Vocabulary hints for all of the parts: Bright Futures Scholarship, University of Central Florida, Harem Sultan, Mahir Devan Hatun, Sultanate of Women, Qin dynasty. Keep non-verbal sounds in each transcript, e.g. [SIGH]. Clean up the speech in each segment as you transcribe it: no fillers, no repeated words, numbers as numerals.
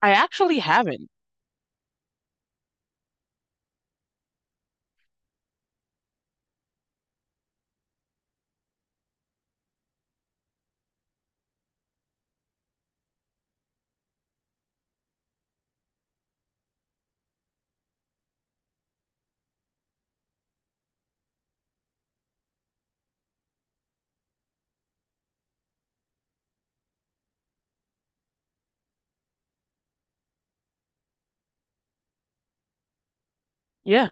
I actually haven't. Yeah.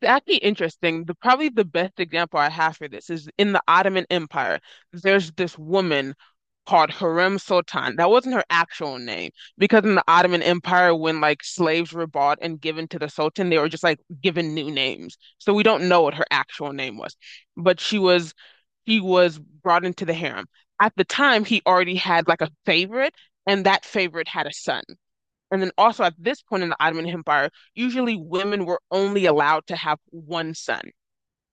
It's actually interesting. The probably the best example I have for this is in the Ottoman Empire. There's this woman called Harem Sultan. That wasn't her actual name because in the Ottoman Empire, when like slaves were bought and given to the Sultan, they were just like given new names. So we don't know what her actual name was. But she was brought into the harem. At the time, he already had like a favorite, and that favorite had a son. And then also at this point in the Ottoman Empire, usually women were only allowed to have one son.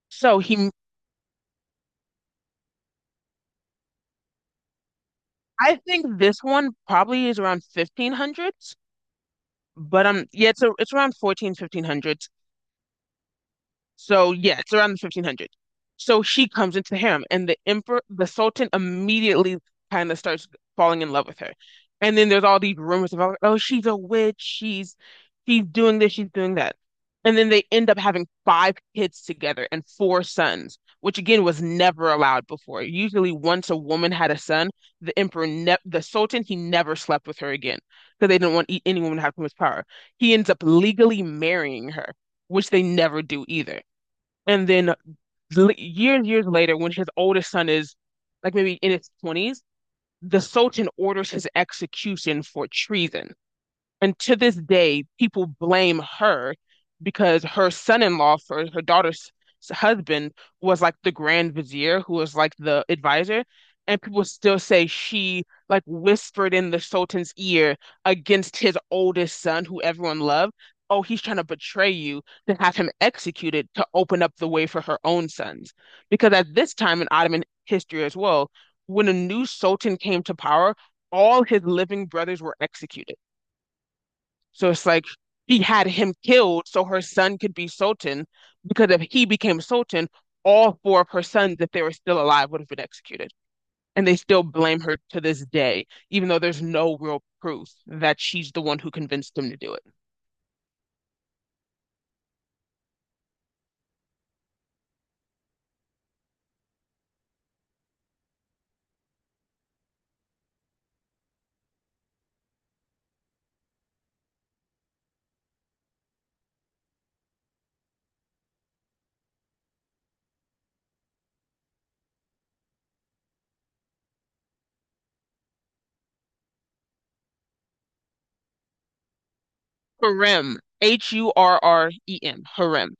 So he, I think this one probably is around 1500s, but yeah, it's around fourteen fifteen hundreds. So yeah, it's around the 1500. So she comes into the harem, and the emperor, the sultan, immediately kind of starts falling in love with her. And then there's all these rumors about, oh, she's a witch, she's doing this, she's doing that. And then they end up having five kids together and four sons, which again was never allowed before. Usually, once a woman had a son, the emperor, ne the sultan, he never slept with her again because they didn't want any woman to have too much power. He ends up legally marrying her, which they never do either. And then years, years later, when his oldest son is like maybe in his 20s, the Sultan orders his execution for treason. And to this day, people blame her because her son-in-law for her daughter's husband was like the Grand Vizier, who was like the advisor. And people still say she like whispered in the Sultan's ear against his oldest son, who everyone loved. Oh, he's trying to betray you to have him executed to open up the way for her own sons. Because at this time in Ottoman history as well, when a new Sultan came to power, all his living brothers were executed. So it's like he had him killed so her son could be Sultan, because if he became Sultan, all four of her sons, if they were still alive, would have been executed. And they still blame her to this day, even though there's no real proof that she's the one who convinced him to do it. Harem, Hurrem, harem.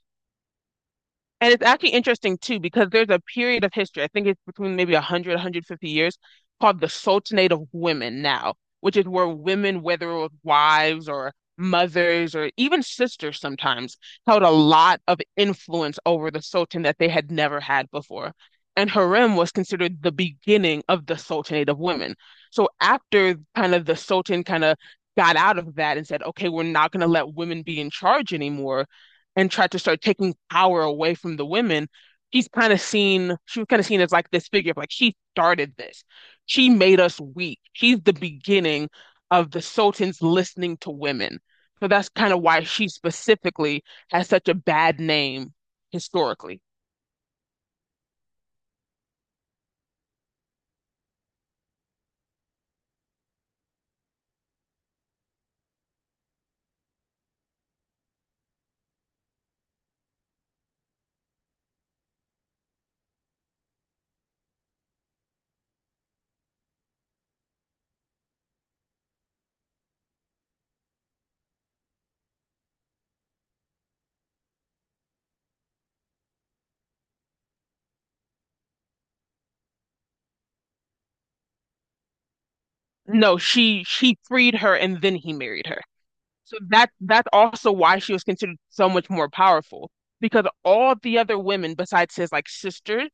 And it's actually interesting too, because there's a period of history, I think it's between maybe 100, 150 years, called the Sultanate of Women now, which is where women, whether it was wives or mothers or even sisters sometimes, held a lot of influence over the Sultan that they had never had before. And harem was considered the beginning of the Sultanate of Women. So after kind of the Sultan kind of got out of that and said, okay, we're not going to let women be in charge anymore and tried to start taking power away from the women, she was kind of seen as like this figure of like, she started this. She made us weak. She's the beginning of the Sultans listening to women. So that's kind of why she specifically has such a bad name historically. No, she freed her and then he married her. So that's also why she was considered so much more powerful because all the other women besides his like sisters.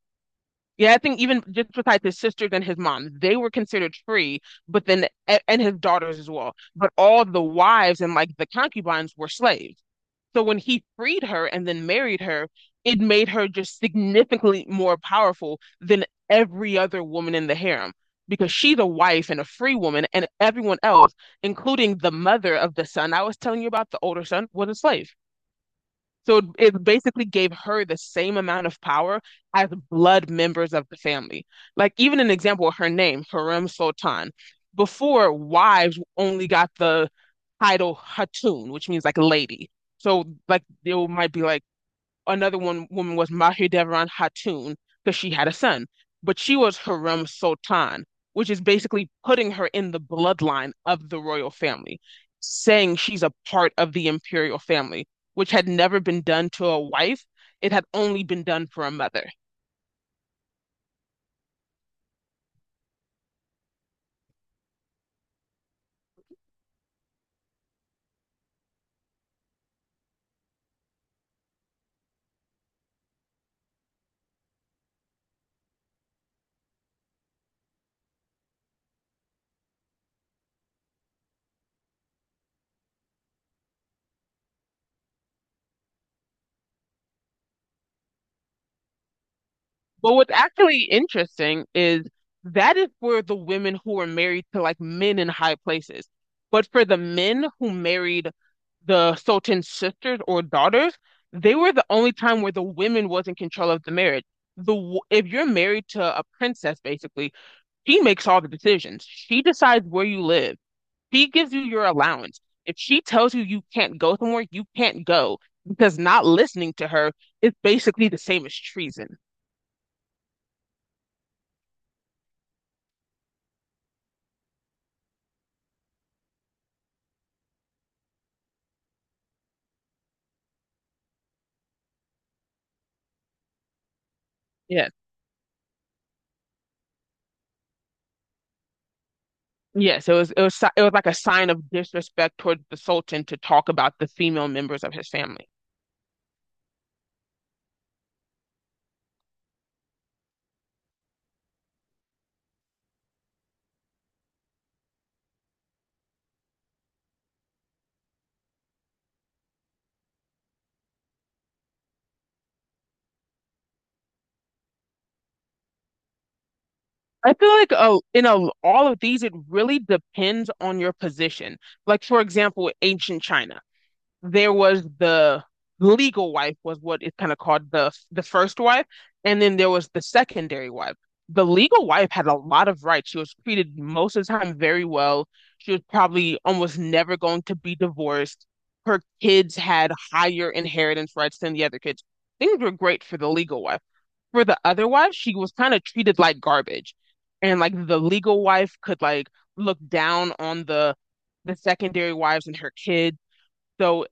Yeah, I think even just besides his sisters and his mom, they were considered free, but then and his daughters as well. But all the wives and like the concubines were slaves. So when he freed her and then married her, it made her just significantly more powerful than every other woman in the harem because she's a wife and a free woman, and everyone else, including the mother of the son I was telling you about, the older son, was a slave. So it basically gave her the same amount of power as blood members of the family. Like even an example of her name, Harem Sultan. Before, wives only got the title Hatun, which means like lady. So like they might be like another one woman was Mahir Devan Hatun because she had a son, but she was Harem Sultan, which is basically putting her in the bloodline of the royal family, saying she's a part of the imperial family, which had never been done to a wife. It had only been done for a mother. But what's actually interesting is that is for the women who were married to like men in high places. But for the men who married the Sultan's sisters or daughters, they were the only time where the women was in control of the marriage. If you're married to a princess, basically, she makes all the decisions. She decides where you live. She gives you your allowance. If she tells you you can't go somewhere, you can't go because not listening to her is basically the same as treason. Yeah. Yes, it was it was like a sign of disrespect towards the Sultan to talk about the female members of his family. I feel like all of these, it really depends on your position. Like for example, ancient China. There was the legal wife was what is kind of called the first wife, and then there was the secondary wife. The legal wife had a lot of rights. She was treated most of the time very well. She was probably almost never going to be divorced. Her kids had higher inheritance rights than the other kids. Things were great for the legal wife. For the other wife, she was kind of treated like garbage. And like the legal wife could like look down on the secondary wives and her kids. So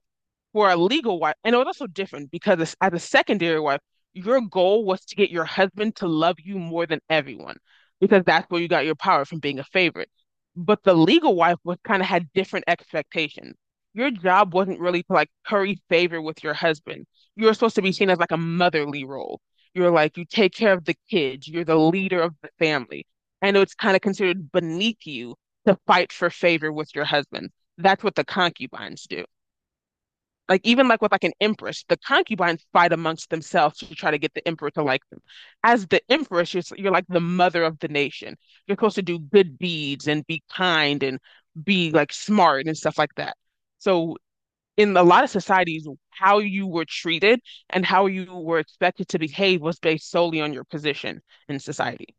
for a legal wife, and it was also different because as a secondary wife, your goal was to get your husband to love you more than everyone, because that's where you got your power from being a favorite. But the legal wife was kind of had different expectations. Your job wasn't really to like curry favor with your husband. You were supposed to be seen as like a motherly role. You're like you take care of the kids. You're the leader of the family. I know it's kind of considered beneath you to fight for favor with your husband. That's what the concubines do, like even like with like an empress, the concubines fight amongst themselves to try to get the emperor to like them. As the empress, you're like the mother of the nation. You're supposed to do good deeds and be kind and be like smart and stuff like that. So in a lot of societies, how you were treated and how you were expected to behave was based solely on your position in society.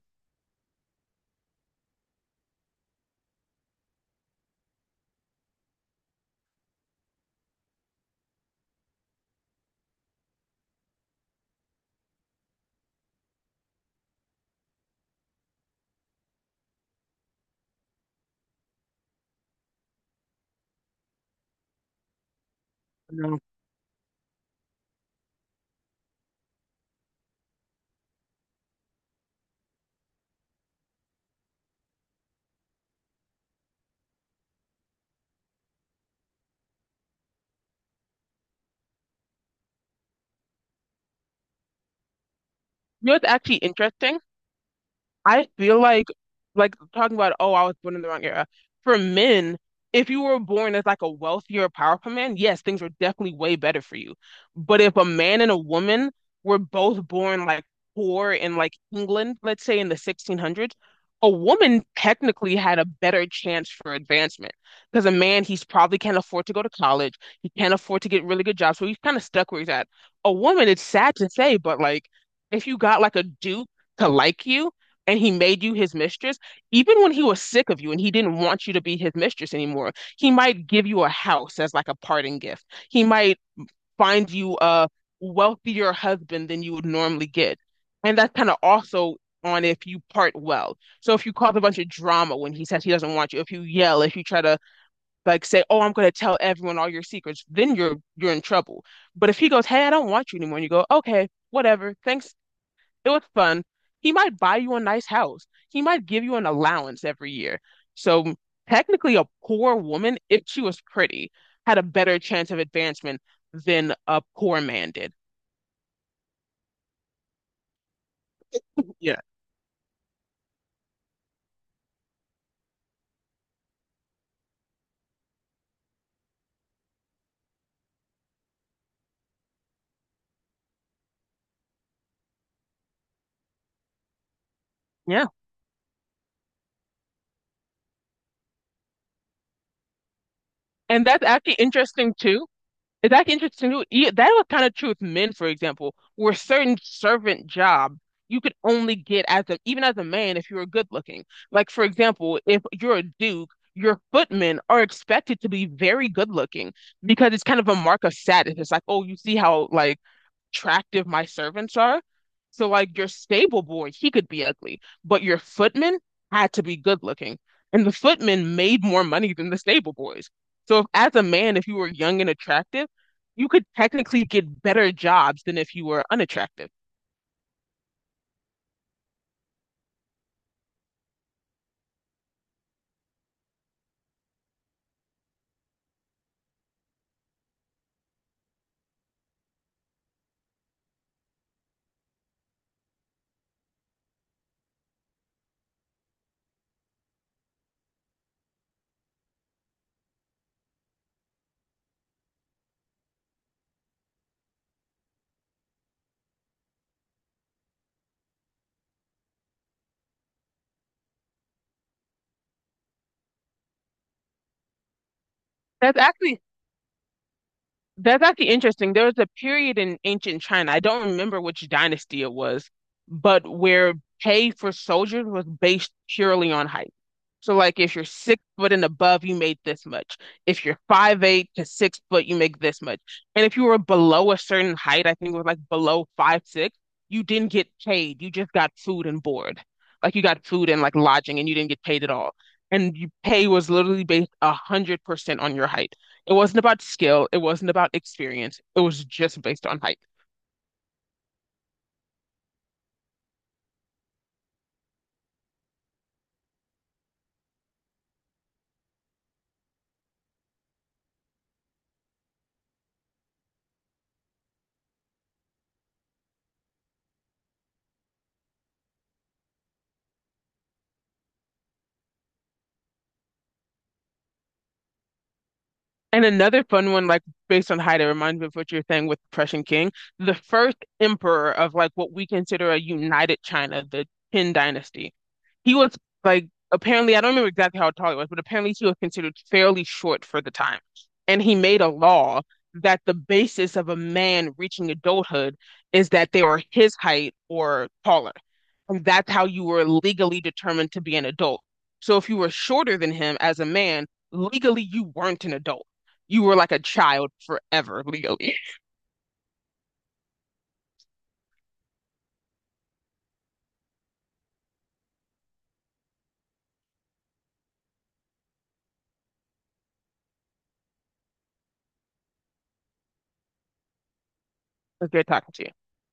No. You know, what's actually interesting. I feel like talking about, oh, I was born in the wrong era. For men, if you were born as like a wealthier, powerful man, yes, things were definitely way better for you. But if a man and a woman were both born like poor in like England, let's say in the 1600s, a woman technically had a better chance for advancement because a man, he's probably can't afford to go to college. He can't afford to get really good jobs. So he's kind of stuck where he's at. A woman, it's sad to say, but like if you got like a duke to like you, and he made you his mistress, even when he was sick of you and he didn't want you to be his mistress anymore, he might give you a house as like a parting gift. He might find you a wealthier husband than you would normally get. And that's kind of also on if you part well. So if you cause a bunch of drama when he says he doesn't want you, if you yell, if you try to like say, "Oh, I'm going to tell everyone all your secrets," then you're in trouble. But if he goes, "Hey, I don't want you anymore," and you go, "Okay, whatever. Thanks, it was fun." He might buy you a nice house. He might give you an allowance every year. So technically, a poor woman, if she was pretty, had a better chance of advancement than a poor man did. Yeah. Yeah. And that's actually interesting too, It's actually interesting too. That was kind of true with men, for example, where certain servant job you could only get as a, even as a man, if you were good looking. Like for example, if you're a duke, your footmen are expected to be very good looking because it's kind of a mark of status. It's like, oh, you see how like attractive my servants are. So like your stable boy, he could be ugly, but your footman had to be good looking. And the footmen made more money than the stable boys. So if, as a man, if you were young and attractive, you could technically get better jobs than if you were unattractive. That's actually That's actually interesting. There was a period in ancient China, I don't remember which dynasty it was, but where pay for soldiers was based purely on height. So like if you're 6 foot and above, you made this much. If you're 5 8 to 6 foot, you make this much. And if you were below a certain height, I think it was like below 5 6, you didn't get paid. You just got food and board. Like you got food and like lodging and you didn't get paid at all. And your pay was literally based 100% on your height. It wasn't about skill, it wasn't about experience, it was just based on height. And another fun one, like based on height, it reminds me of what you're saying with the Prussian king. The first emperor of like what we consider a united China, the Qin dynasty. He was like apparently, I don't remember exactly how tall he was, but apparently he was considered fairly short for the time. And he made a law that the basis of a man reaching adulthood is that they are his height or taller. And that's how you were legally determined to be an adult. So if you were shorter than him as a man, legally you weren't an adult, you were like a child forever legally. [LAUGHS] It was good talking to you.